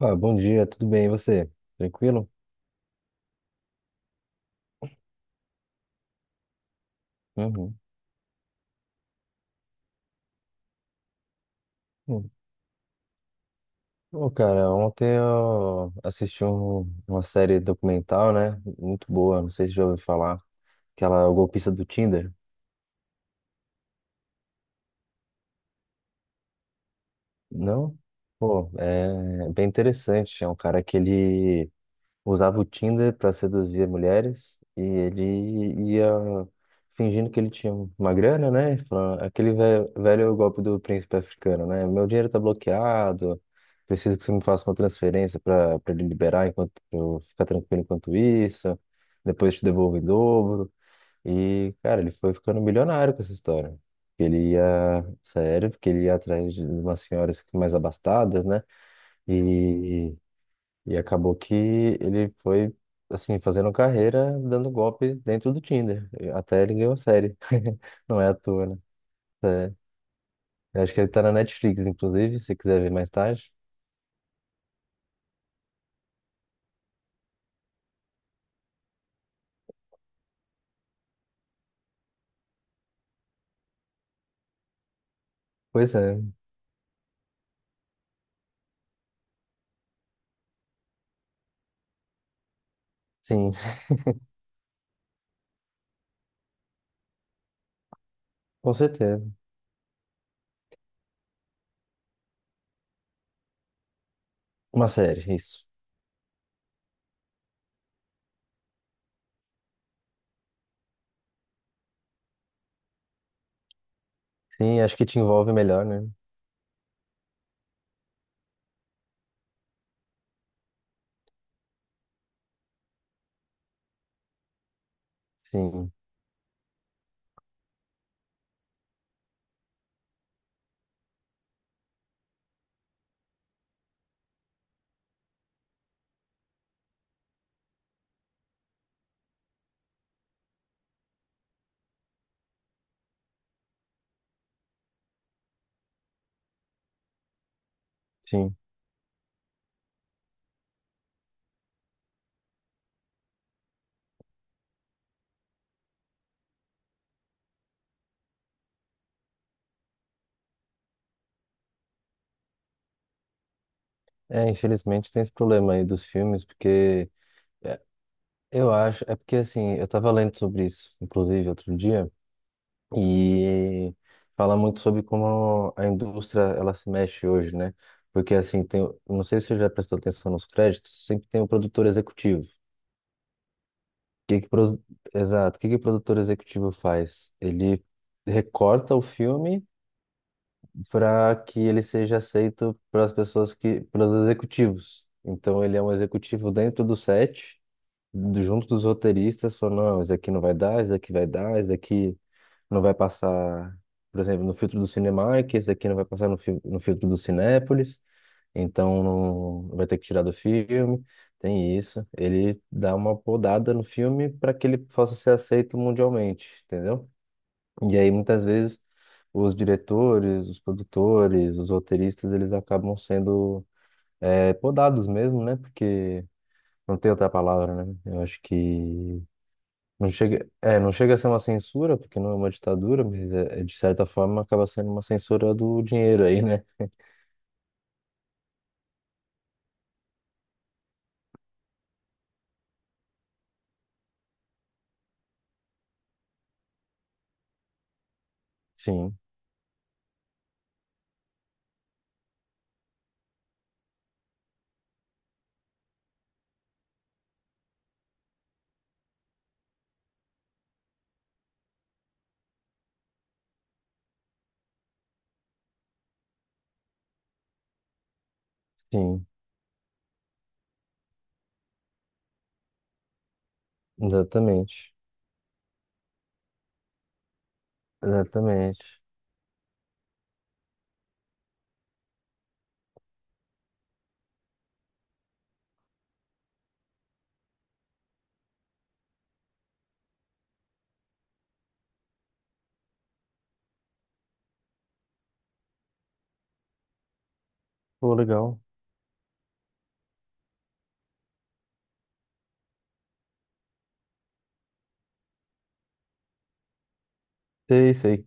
Ah, bom dia, tudo bem? E você? Tranquilo? Uhum. Hum. Ô, cara, ontem eu assisti uma série documental, né? Muito boa, não sei se já ouviu falar. Aquela O Golpista do Tinder. Não? Pô, é bem interessante. É um cara que ele usava o Tinder para seduzir mulheres e ele ia fingindo que ele tinha uma grana, né? Falando, aquele velho golpe do príncipe africano, né? Meu dinheiro tá bloqueado, preciso que você me faça uma transferência para ele liberar enquanto eu ficar tranquilo enquanto isso. Depois te devolvo em dobro. E, cara, ele foi ficando milionário com essa história. Ele ia, sério, porque ele ia atrás de umas senhoras mais abastadas, né? E e acabou que ele foi, assim, fazendo carreira, dando golpe dentro do Tinder. Até ele ganhou a série. Não é à toa, né? É. Eu acho que ele tá na Netflix, inclusive, se quiser ver mais tarde. Pois é, sim, com certeza. Uma série, isso. Sim, acho que te envolve melhor, né? Sim, sim. É, infelizmente tem esse problema aí dos filmes, porque é, eu acho, é porque assim, eu tava lendo sobre isso, inclusive, outro dia. E fala muito sobre como a indústria ela se mexe hoje, né? Porque assim, tem, não sei se você já prestou atenção nos créditos, sempre tem o produtor executivo. Que que pro- Exato, o que que o produtor executivo faz? Ele recorta o filme para que ele seja aceito pelas pessoas que, pelos executivos. Então ele é um executivo dentro do set, junto dos roteiristas, falando, não, esse aqui não vai dar, esse aqui vai dar, esse aqui não vai passar, por exemplo, no filtro do Cinemark, esse aqui não vai passar no, no filtro do Cinépolis, então não vai ter que tirar do filme. Tem isso. Ele dá uma podada no filme para que ele possa ser aceito mundialmente, entendeu? E aí muitas vezes os diretores, os produtores, os roteiristas, eles acabam sendo podados mesmo, né? Porque não tem outra palavra, né? Eu acho que não chega, é, não chega a ser uma censura, porque não é uma ditadura, mas é, é, de certa forma acaba sendo uma censura do dinheiro aí, né? Sim, sim, exatamente, exatamente. Pô, legal. Sei, sei,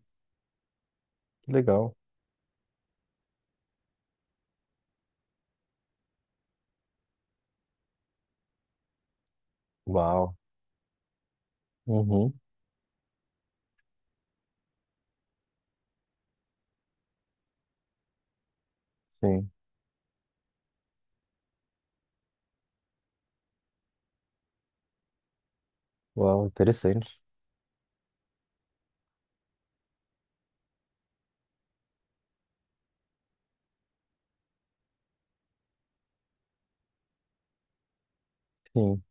que legal. Uau. Uhum, sim. Uau, interessante. Sim,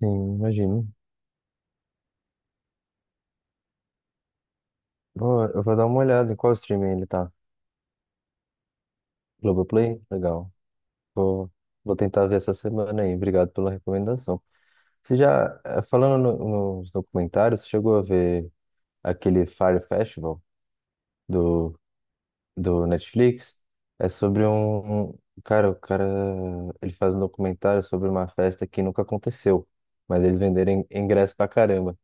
sim, imagino. Pô, eu vou dar uma olhada em qual streaming ele tá. Globoplay? Legal. Vou, vou tentar ver essa semana aí. Obrigado pela recomendação. Você já, falando nos documentários, você chegou a ver aquele Fire Festival do, do Netflix, é sobre cara, o cara. Ele faz um documentário sobre uma festa que nunca aconteceu, mas eles venderem ingresso pra caramba.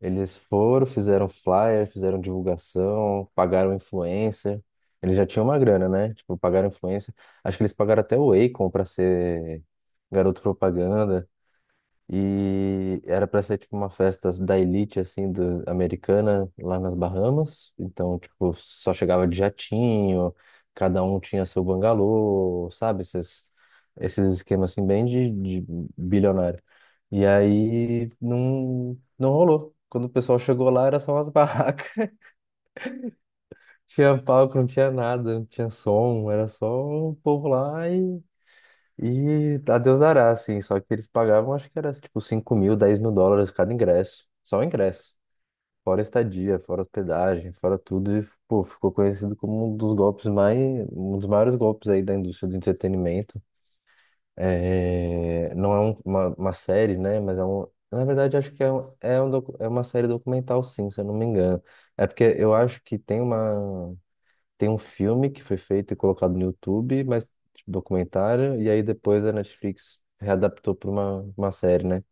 Eles foram, fizeram flyer, fizeram divulgação, pagaram influencer. Eles já tinham uma grana, né? Tipo, pagaram influencer. Acho que eles pagaram até o Akon pra ser garoto propaganda. E era para ser tipo uma festa da elite assim do, americana lá nas Bahamas. Então, tipo, só chegava de jatinho, cada um tinha seu bangalô, sabe? Esses, esses esquemas assim bem de bilionário. E aí não rolou. Quando o pessoal chegou lá era só umas barracas. Tinha palco, não tinha nada, não tinha som, era só o povo lá e a Deus dará, assim, só que eles pagavam, acho que era tipo 5.000, 10.000 dólares cada ingresso, só o ingresso, fora estadia, fora hospedagem, fora tudo, e pô, ficou conhecido como um dos golpes mais, um dos maiores golpes aí da indústria do entretenimento. É, não é uma série, né, mas é um, na verdade acho que é, um, é, é uma série documental sim, se eu não me engano. É porque eu acho que tem uma tem um filme que foi feito e colocado no YouTube, mas tipo, documentário, e aí depois a Netflix readaptou para uma série, né?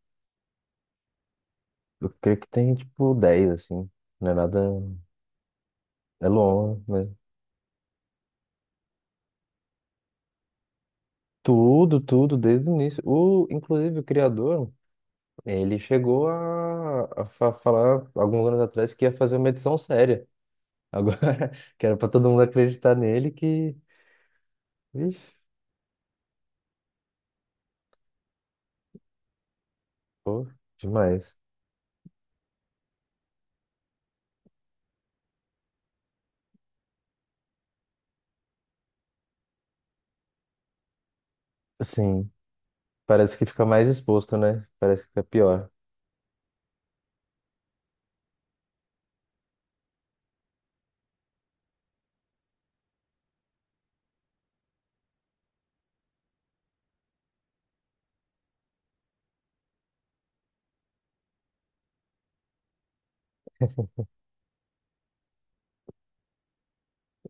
Eu creio que tem tipo 10 assim. Não é nada. É longo, mas. Tudo, tudo, desde o início. O, inclusive, o criador, ele chegou a, falar alguns anos atrás que ia fazer uma edição séria. Agora, que era pra todo mundo acreditar nele, que. Vixe, pô, demais. Assim, parece que fica mais exposto, né? Parece que fica pior.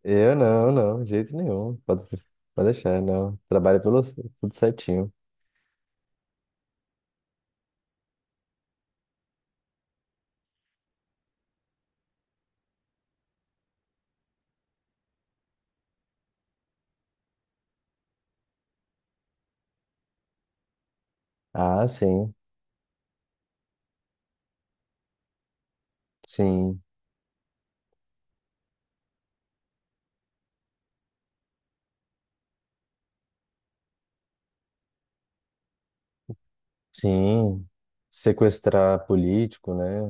Eu não, não, de jeito nenhum. Pode, pode deixar, não. Trabalho pelo tudo certinho. Ah, sim, sim, sim. Sequestrar político, né?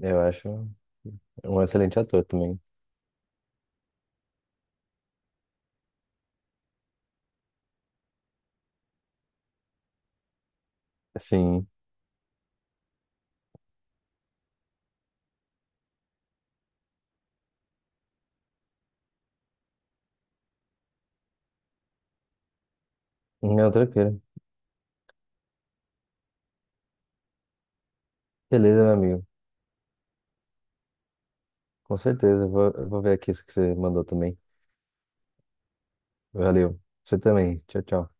Eu acho um excelente ator também. Sim, não, tranquilo. Beleza, meu amigo. Com certeza, eu vou ver aqui isso que você mandou também. Valeu. Você também. Tchau, tchau.